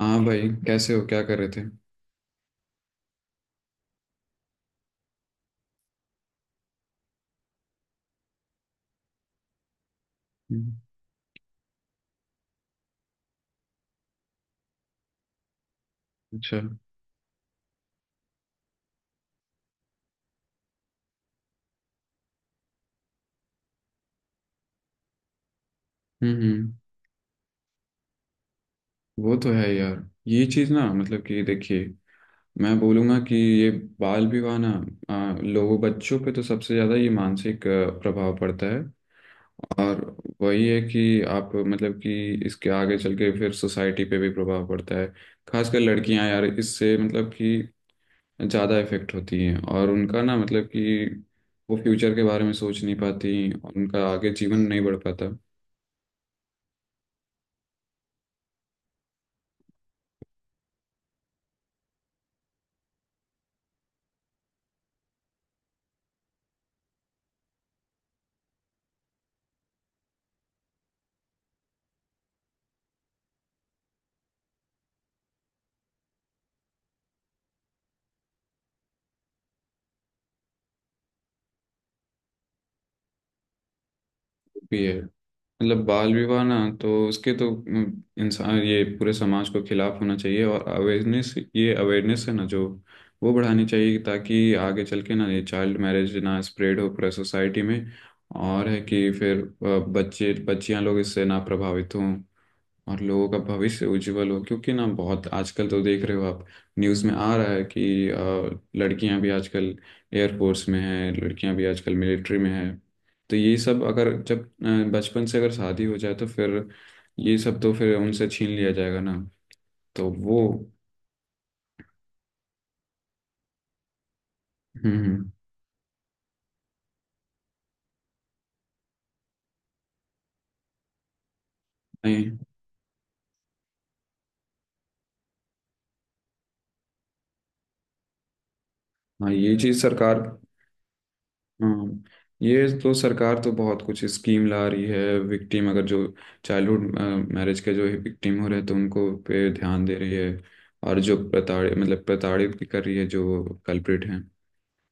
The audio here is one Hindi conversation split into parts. हाँ भाई, कैसे हो? क्या कर रहे थे? हम्म। अच्छा। हम्म, हम्म। वो तो है यार। ये चीज़ ना, मतलब कि देखिए, मैं बोलूँगा कि ये बाल विवाह ना, लोगों बच्चों पे तो सबसे ज़्यादा ये मानसिक प्रभाव पड़ता है। और वही है कि आप मतलब कि इसके आगे चल के फिर सोसाइटी पे भी प्रभाव पड़ता है। खासकर लड़कियां यार, इससे मतलब कि ज़्यादा इफेक्ट होती हैं, और उनका ना मतलब कि वो फ्यूचर के बारे में सोच नहीं पाती और उनका आगे जीवन नहीं बढ़ पाता। भी है। मतलब बाल विवाह ना, तो उसके तो इंसान ये पूरे समाज को खिलाफ होना चाहिए, और अवेयरनेस, ये अवेयरनेस है ना जो वो बढ़ानी चाहिए, ताकि आगे चल के ना ये चाइल्ड मैरिज ना स्प्रेड हो पूरे सोसाइटी में। और है कि फिर बच्चे बच्चियां लोग इससे ना प्रभावित हों और लोगों का भविष्य उज्जवल हो, क्योंकि ना बहुत आजकल तो देख रहे हो आप, न्यूज़ में आ रहा है कि लड़कियां भी आजकल एयरफोर्स में हैं, लड़कियां भी आजकल मिलिट्री में हैं। तो ये सब अगर जब बचपन से अगर शादी हो जाए तो फिर ये सब तो फिर उनसे छीन लिया जाएगा ना। तो वो। हम्म, हम्म। नहीं। हाँ, ये चीज़ सरकार। हाँ, ये तो सरकार तो बहुत कुछ स्कीम ला रही है, विक्टिम अगर जो चाइल्डहुड मैरिज के जो विक्टिम हो रहे हैं तो उनको पे ध्यान दे रही है। और जो प्रताड़ित, मतलब प्रताड़ित भी कर रही है जो कल्प्रिट हैं।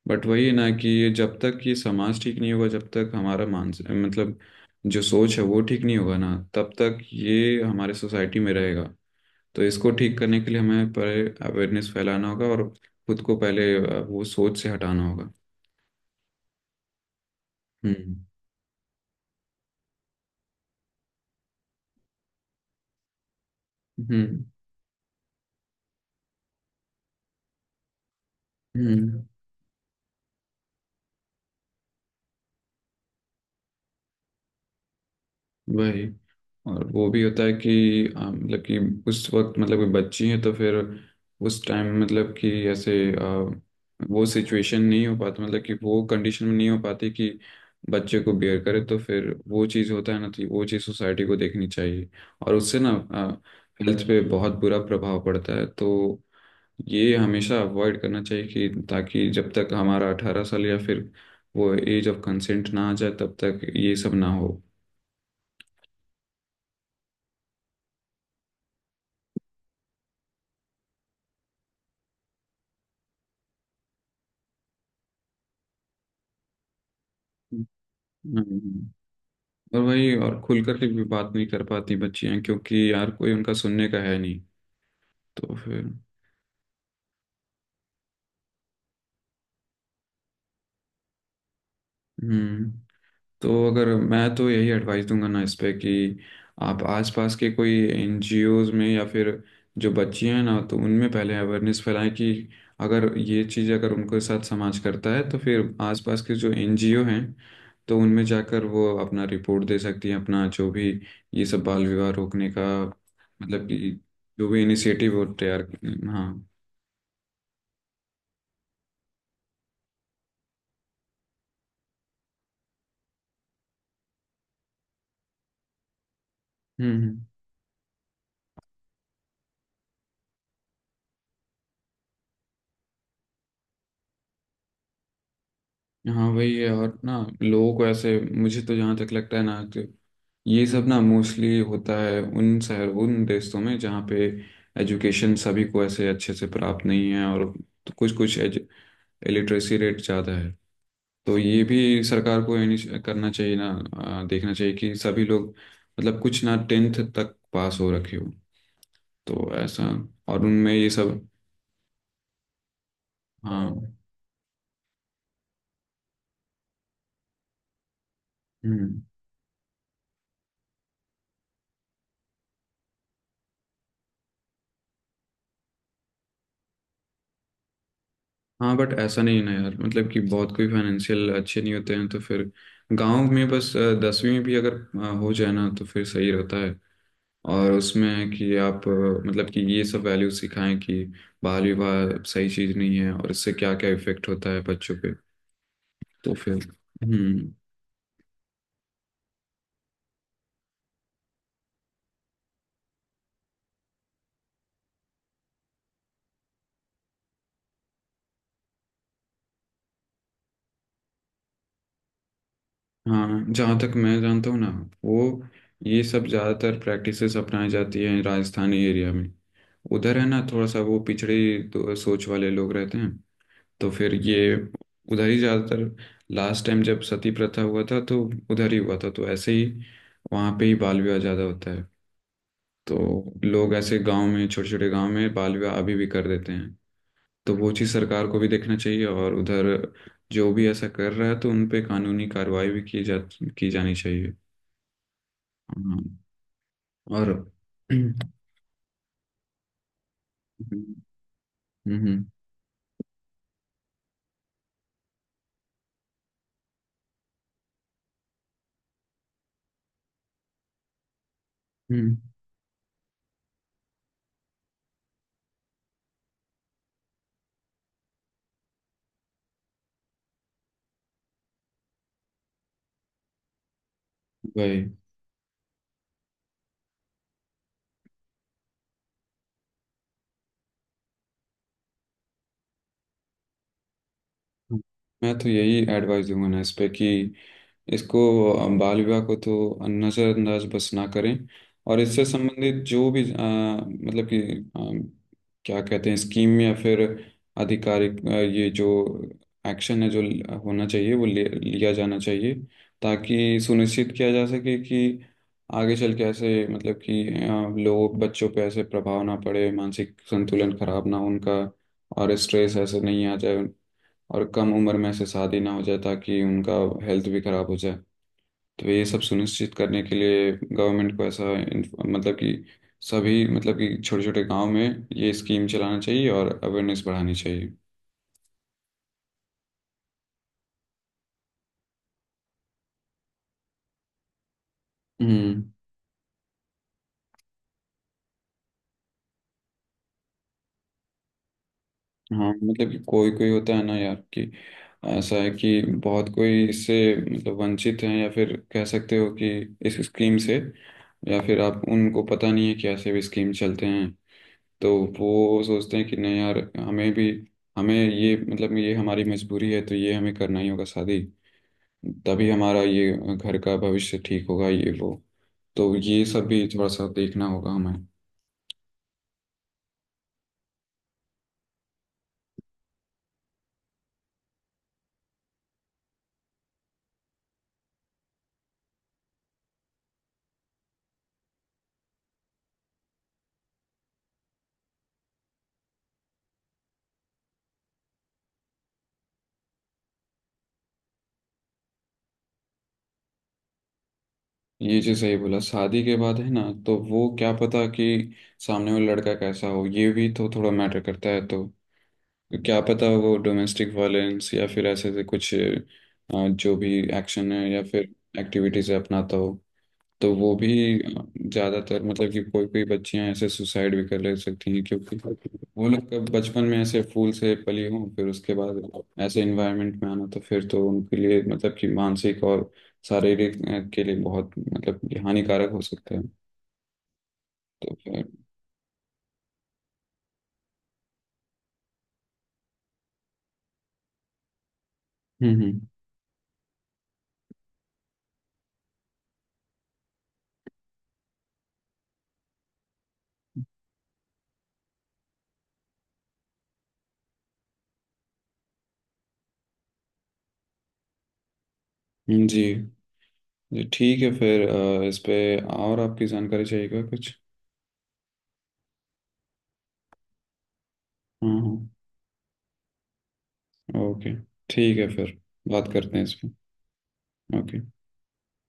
बट वही है ना कि ये जब तक ये समाज ठीक नहीं होगा, जब तक हमारा मानस मतलब जो सोच है वो ठीक नहीं होगा ना, तब तक ये हमारे सोसाइटी में रहेगा। तो इसको ठीक करने के लिए हमें पहले अवेयरनेस फैलाना होगा, और खुद को पहले वो सोच से हटाना होगा। हम्म, हम्म, हम्म। वही। और वो भी होता है कि मतलब कि उस वक्त मतलब कोई बच्ची है, तो फिर उस टाइम मतलब कि ऐसे वो सिचुएशन नहीं हो पाता, मतलब कि वो कंडीशन में नहीं हो पाती कि बच्चे को बियर करे, तो फिर वो चीज़ होता है ना, तो वो चीज़ सोसाइटी को देखनी चाहिए। और उससे ना हेल्थ पे बहुत बुरा प्रभाव पड़ता है, तो ये हमेशा अवॉइड करना चाहिए कि ताकि जब तक हमारा 18 साल या फिर वो एज ऑफ कंसेंट ना आ जाए, तब तक ये सब ना हो। हम्म। और वही, और खुल करके भी बात नहीं कर पाती बच्चियां, क्योंकि यार कोई उनका सुनने का है नहीं। तो फिर। हम्म। तो अगर मैं तो यही एडवाइस दूंगा ना इस पे कि आप आसपास के कोई एनजीओज में, या फिर जो बच्चियां हैं ना तो उनमें पहले अवेयरनेस फैलाएं कि अगर ये चीज़ अगर उनके साथ समाज करता है, तो फिर आसपास के जो एनजीओ हैं तो उनमें जाकर वो अपना रिपोर्ट दे सकती हैं, अपना जो भी ये सब बाल विवाह रोकने का, मतलब कि जो भी इनिशिएटिव वो तैयार। हाँ। हम्म, हम्म। हाँ, वही है। और ना लोगों को ऐसे, मुझे तो जहाँ तक लगता है ना तो ये सब ना मोस्टली होता है उन शहर उन देशों में जहाँ पे एजुकेशन सभी को ऐसे अच्छे से प्राप्त नहीं है, और तो कुछ कुछ लिटरेसी रेट ज़्यादा है। तो ये भी सरकार को करना चाहिए ना। देखना चाहिए कि सभी लोग, मतलब कुछ ना 10th तक पास हो रखे हो। तो ऐसा। और उनमें ये सब। हाँ। हम्म। हाँ, बट ऐसा नहीं है ना यार, मतलब कि बहुत कोई फाइनेंशियल अच्छे नहीं होते हैं तो फिर गांव में बस 10वीं में भी अगर हो जाए ना तो फिर सही रहता है। और उसमें कि आप मतलब कि ये सब वैल्यू सिखाएं कि बाल विवाह सही चीज़ नहीं है, और इससे क्या क्या इफेक्ट होता है बच्चों पे। तो फिर। हम्म। हाँ, जहाँ तक मैं जानता हूँ ना, वो ये सब ज़्यादातर प्रैक्टिसेस अपनाई जाती हैं राजस्थानी एरिया में। उधर है ना, थोड़ा सा वो पिछड़ी तो सोच वाले लोग रहते हैं। तो फिर ये उधर ही ज़्यादातर, लास्ट टाइम जब सती प्रथा हुआ था तो उधर ही हुआ था, तो ऐसे ही वहाँ पे ही बाल विवाह ज़्यादा होता है। तो लोग ऐसे गांव में, छोटे छोटे गांव में बाल विवाह अभी भी कर देते हैं। तो वो चीज़ सरकार को भी देखना चाहिए, और उधर जो भी ऐसा कर रहा है तो उन पे कानूनी कार्रवाई भी की जानी चाहिए। हाँ। और हम्म, हम्म, हम्म। वही, मैं तो यही एडवाइस दूंगा ना इस पे कि इसको, बाल विवाह को तो नज़रअंदाज बस ना करें, और इससे संबंधित जो भी मतलब कि अ, क्या कहते हैं स्कीम या फिर आधिकारिक ये जो एक्शन है जो होना चाहिए वो लिया जाना चाहिए, ताकि सुनिश्चित किया जा सके कि आगे चल के ऐसे मतलब कि लोग बच्चों पे ऐसे प्रभाव ना पड़े, मानसिक संतुलन खराब ना हो उनका, और स्ट्रेस ऐसे नहीं आ जाए, और कम उम्र में ऐसे शादी ना हो जाए, ताकि उनका हेल्थ भी खराब हो जाए। तो ये सब सुनिश्चित करने के लिए गवर्नमेंट को ऐसा मतलब कि सभी, मतलब कि छोटे छोटे गांव में ये स्कीम चलाना चाहिए और अवेयरनेस बढ़ानी चाहिए। हम्म। हाँ, मतलब कि कोई कोई होता है ना यार, कि ऐसा है कि बहुत कोई इससे मतलब वंचित हैं, या फिर कह सकते हो कि इस स्कीम से, या फिर आप उनको पता नहीं है कि ऐसे भी स्कीम चलते हैं। तो वो सोचते हैं कि नहीं यार, हमें भी, हमें ये मतलब ये हमारी मजबूरी है तो ये हमें करना ही होगा शादी, तभी हमारा ये घर का भविष्य ठीक होगा, ये वो। तो ये सब भी थोड़ा सा देखना होगा हमें। ये चीज़ सही बोला, शादी के बाद है ना, तो वो क्या पता कि सामने वाला लड़का कैसा हो, ये भी तो थोड़ा मैटर करता है। तो क्या पता वो डोमेस्टिक वायलेंस या फिर ऐसे से कुछ जो भी एक्शन है या फिर एक्टिविटीज है अपनाता हो, तो वो भी ज्यादातर, मतलब कि कोई कोई बच्चियां ऐसे सुसाइड भी कर ले सकती हैं, क्योंकि वो लोग कब बचपन में ऐसे फूल से पली हों, फिर उसके बाद ऐसे इन्वायरमेंट में आना तो फिर तो उनके लिए मतलब कि मानसिक और शारीरिक के लिए बहुत मतलब कि हानिकारक हो सकता है। तो फिर। हम्म, हम्म, हम्म। जी, जी ठीक है फिर इस पे और आपकी जानकारी चाहिए क्या कुछ? हाँ, हाँ। ओके। ठीक है, फिर बात करते हैं इस पे। ओके।